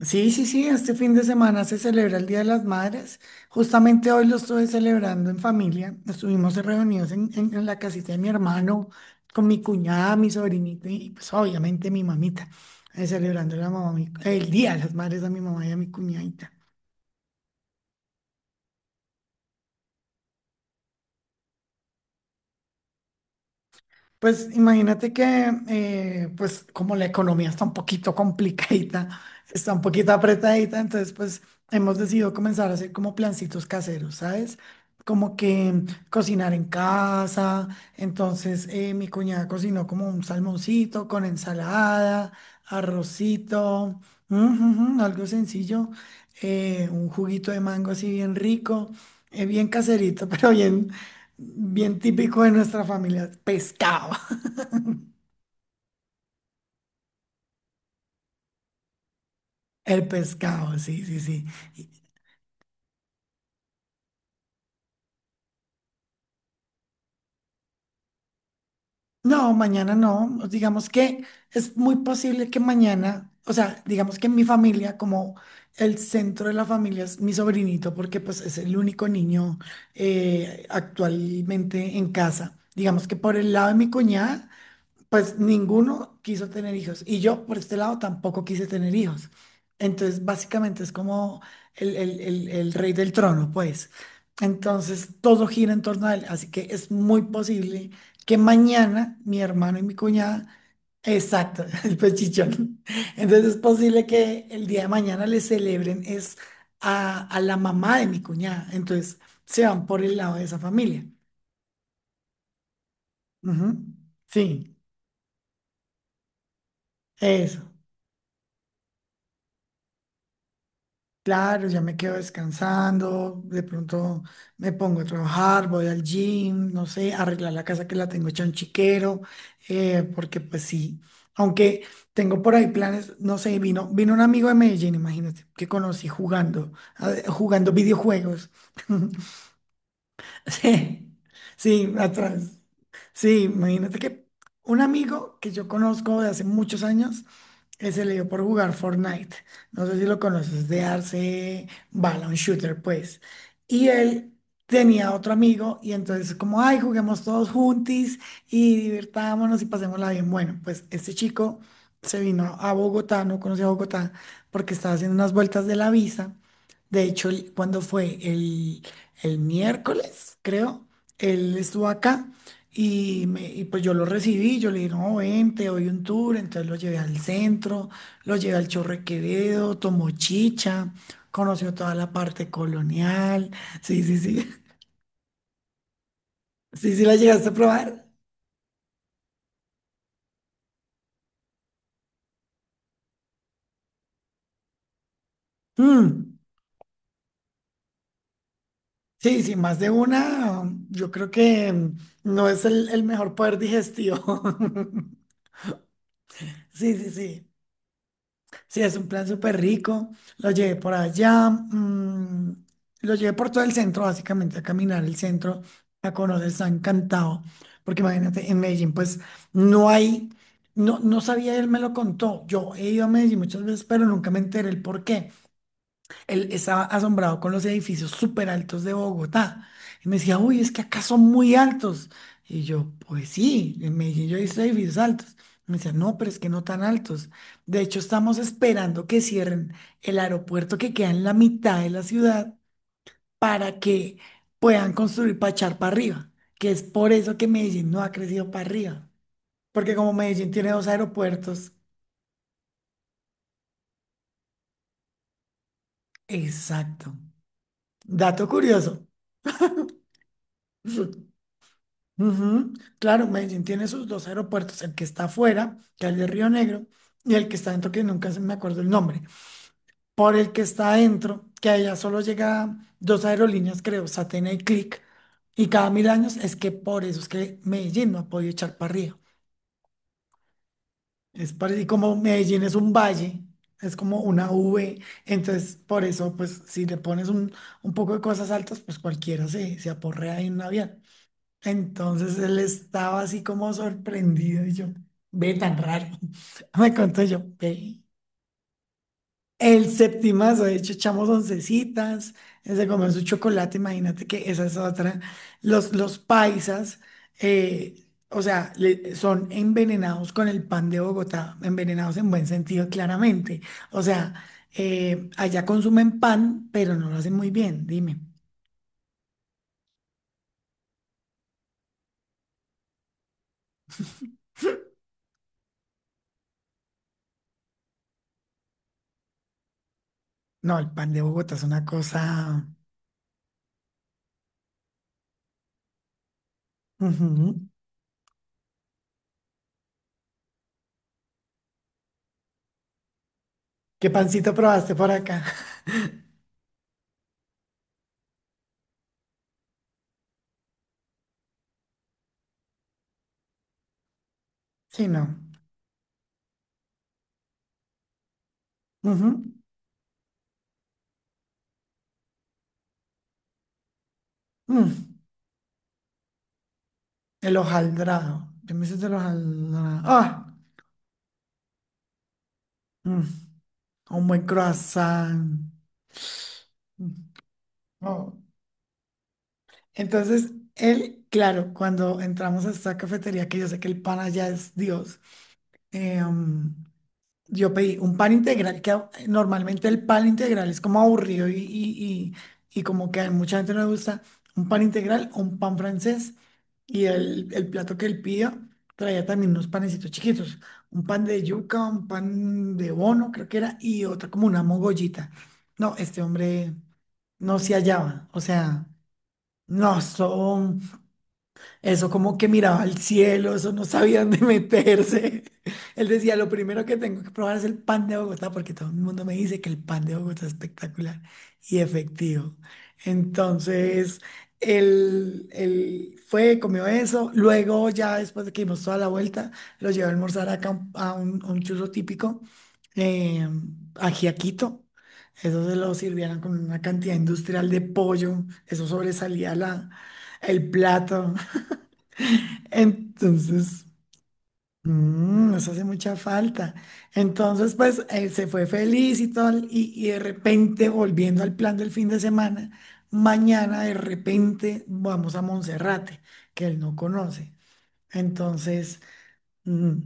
Sí, sí, sí, este fin de semana se celebra el Día de las Madres. Justamente hoy lo estuve celebrando en familia. Estuvimos reunidos en la casita de mi hermano, con mi cuñada, mi sobrinito y pues obviamente mi mamita, celebrando el Día de las Madres a mi mamá y a mi cuñadita. Pues imagínate que, pues como la economía está un poquito complicadita, está un poquito apretadita, entonces pues hemos decidido comenzar a hacer como plancitos caseros, ¿sabes? Como que cocinar en casa, entonces mi cuñada cocinó como un salmoncito con ensalada, arrocito, algo sencillo, un juguito de mango así bien rico, bien caserito, pero bien. Bien típico de nuestra familia, pescado. El pescado, sí, sí, sí. Y- No, mañana no. Digamos que es muy posible que mañana, o sea, digamos que en mi familia, como el centro de la familia es mi sobrinito, porque pues es el único niño actualmente en casa. Digamos que por el lado de mi cuñada. Pues ninguno quiso tener hijos y yo por este lado tampoco quise tener hijos. Entonces, básicamente es como el rey del trono, pues. Entonces, todo gira en torno a él. Así que es muy posible que mañana mi hermano y mi cuñada, exacto, el pechichón. Entonces, es posible que el día de mañana le celebren es a la mamá de mi cuñada. Entonces, se van por el lado de esa familia. Ujú. Sí, eso. Claro, ya me quedo descansando, de pronto me pongo a trabajar, voy al gym, no sé, arreglar la casa que la tengo hecha un chiquero, porque pues sí, aunque tengo por ahí planes, no sé, vino un amigo de Medellín, imagínate, que conocí jugando, jugando videojuegos. Sí, sí, atrás. Sí, imagínate que un amigo que yo conozco de hace muchos años que se le dio por jugar Fortnite. No sé si lo conoces, de darse bala, un shooter, pues. Y él tenía otro amigo y entonces como, ay, juguemos todos juntis y divirtámonos y pasémosla bien. Bueno, pues este chico se vino a Bogotá, no conocía Bogotá, porque estaba haciendo unas vueltas de la visa. De hecho, cuando fue el miércoles, creo, él estuvo acá. Y pues yo lo recibí, yo le dije, no, ven, te doy un tour, entonces lo llevé al centro, lo llevé al Chorro de Quevedo, tomó chicha, conoció toda la parte colonial, sí, sí, sí, sí, sí la llegaste a probar. Mm. Sí, sí, más de una, yo creo que no es el mejor poder digestivo. Sí, sí, sí. Sí, es un plan súper rico. Lo llevé por allá, lo llevé por todo el centro, básicamente, a caminar el centro, a conocer San Cantao. Porque imagínate, en Medellín, pues no hay, no, no sabía, él me lo contó. Yo he ido a Medellín muchas veces, pero nunca me enteré el por qué él estaba asombrado con los edificios súper altos de Bogotá. Y me decía, uy, es que acá son muy altos. Y yo, pues sí, en Medellín yo he visto edificios altos. Me decía, no, pero es que no tan altos. De hecho, estamos esperando que cierren el aeropuerto que queda en la mitad de la ciudad para que puedan construir para echar para arriba, que es por eso que Medellín no ha crecido para arriba. Porque como Medellín tiene dos aeropuertos, exacto. Dato curioso. Ujú. Claro, Medellín tiene sus dos aeropuertos, el que está afuera, que es el de Río Negro, y el que está dentro, que nunca se me acuerdo el nombre. Por el que está adentro, que allá solo llega dos aerolíneas, creo, Satena y Click, y cada mil años es que por eso es que Medellín no ha podido echar para arriba. Es para, y como Medellín es un valle, es como una V, entonces por eso, pues si le pones un poco de cosas altas, pues cualquiera se aporrea en un avión. Entonces él estaba así como sorprendido y yo, ve tan raro. Me contó yo, ve. El septimazo, de hecho, echamos oncecitas, él se comió su chocolate, imagínate que esa es otra. Los paisas, o sea, son envenenados con el pan de Bogotá, envenenados en buen sentido, claramente. O sea, allá consumen pan, pero no lo hacen muy bien, dime. No, el pan de Bogotá es una cosa. Ujú. ¿Qué pancito probaste por acá? Sí, no. Ujú. Mm. El hojaldrado. ¿Qué me dices del hojaldrado? ¡Ah! Mm. Un buen croissant. Mm. Oh. Entonces, él, claro, cuando entramos a esta cafetería, que yo sé que el pan allá es Dios, eh, um, Yo pedí un pan integral, que normalmente el pan integral es como aburrido y como que a mucha gente no le gusta. Un pan integral o un pan francés. Y el plato que él pidió traía también unos panecitos chiquitos. Un pan de yuca, un pan de bono, creo que era, y otra como una mogollita. No, este hombre no se hallaba. O sea, no, eso. Eso como que miraba al cielo, eso no sabía dónde meterse. Él decía, lo primero que tengo que probar es el pan de Bogotá, porque todo el mundo me dice que el pan de Bogotá es espectacular y efectivo. Entonces, él fue, comió eso. Luego, ya después de que dimos toda la vuelta, lo llevé a almorzar acá a un churro típico, eh, ajiaquito. Eso se lo sirvieron con una cantidad industrial de pollo. Eso sobresalía la, el plato. Entonces, nos hace mucha falta. Entonces, pues él se fue feliz y todo, y de repente, volviendo al plan del fin de semana, mañana de repente vamos a Monserrate, que él no conoce. Entonces, mm,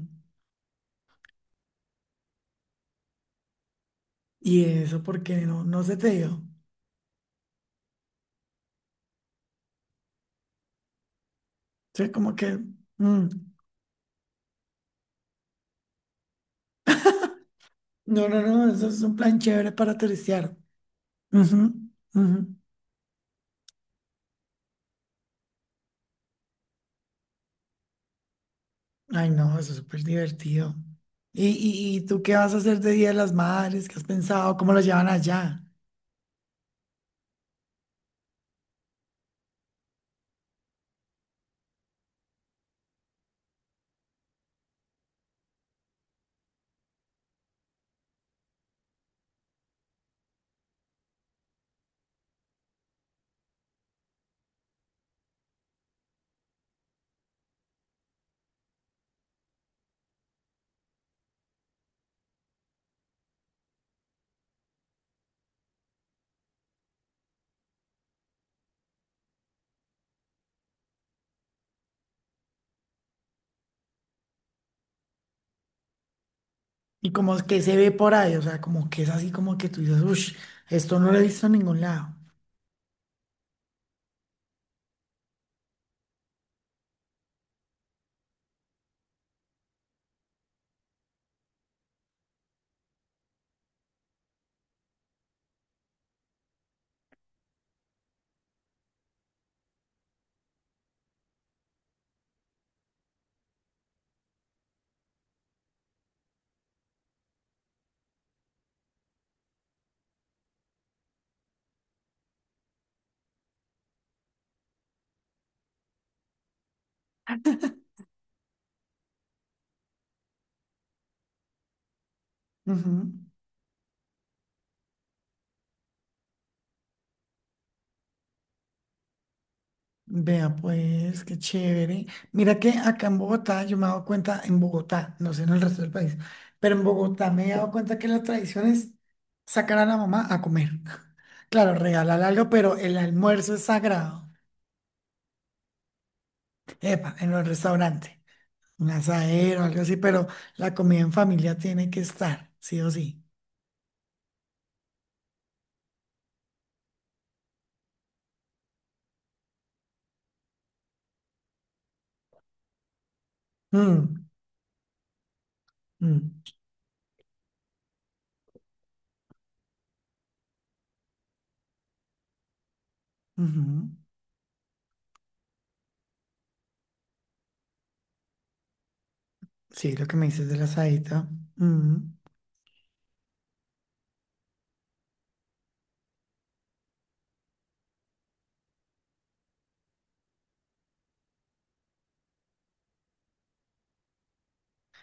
y eso porque no, no se te dio. Sí, como que, mm, no, no, no, eso es un plan chévere para turistear. Ujú, ujú. Ay, no, eso es súper divertido. ¿Y, y tú qué vas a hacer de Día de las Madres? ¿Qué has pensado? ¿Cómo lo llevan allá? ¿Y cómo es que se ve por ahí? O sea, como que es así como que tú dices, uff, esto no lo he visto en ningún lado. Ujú. Vea, pues, qué chévere. Mira que acá en Bogotá, yo me he dado cuenta, en Bogotá, no sé en el resto del país, pero en Bogotá me he dado cuenta que la tradición es sacar a la mamá a comer. Claro, regalar algo, pero el almuerzo es sagrado. Epa, en el restaurante. Un asadero, algo así, pero la comida en familia tiene que estar, sí o sí. Mm, mm, ujú. Sí, lo que me dices del asadito. Mm.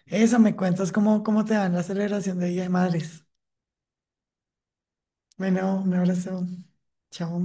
Eso, me cuentas cómo te va en la celebración de Día de Madres. Bueno, un abrazo. Chao.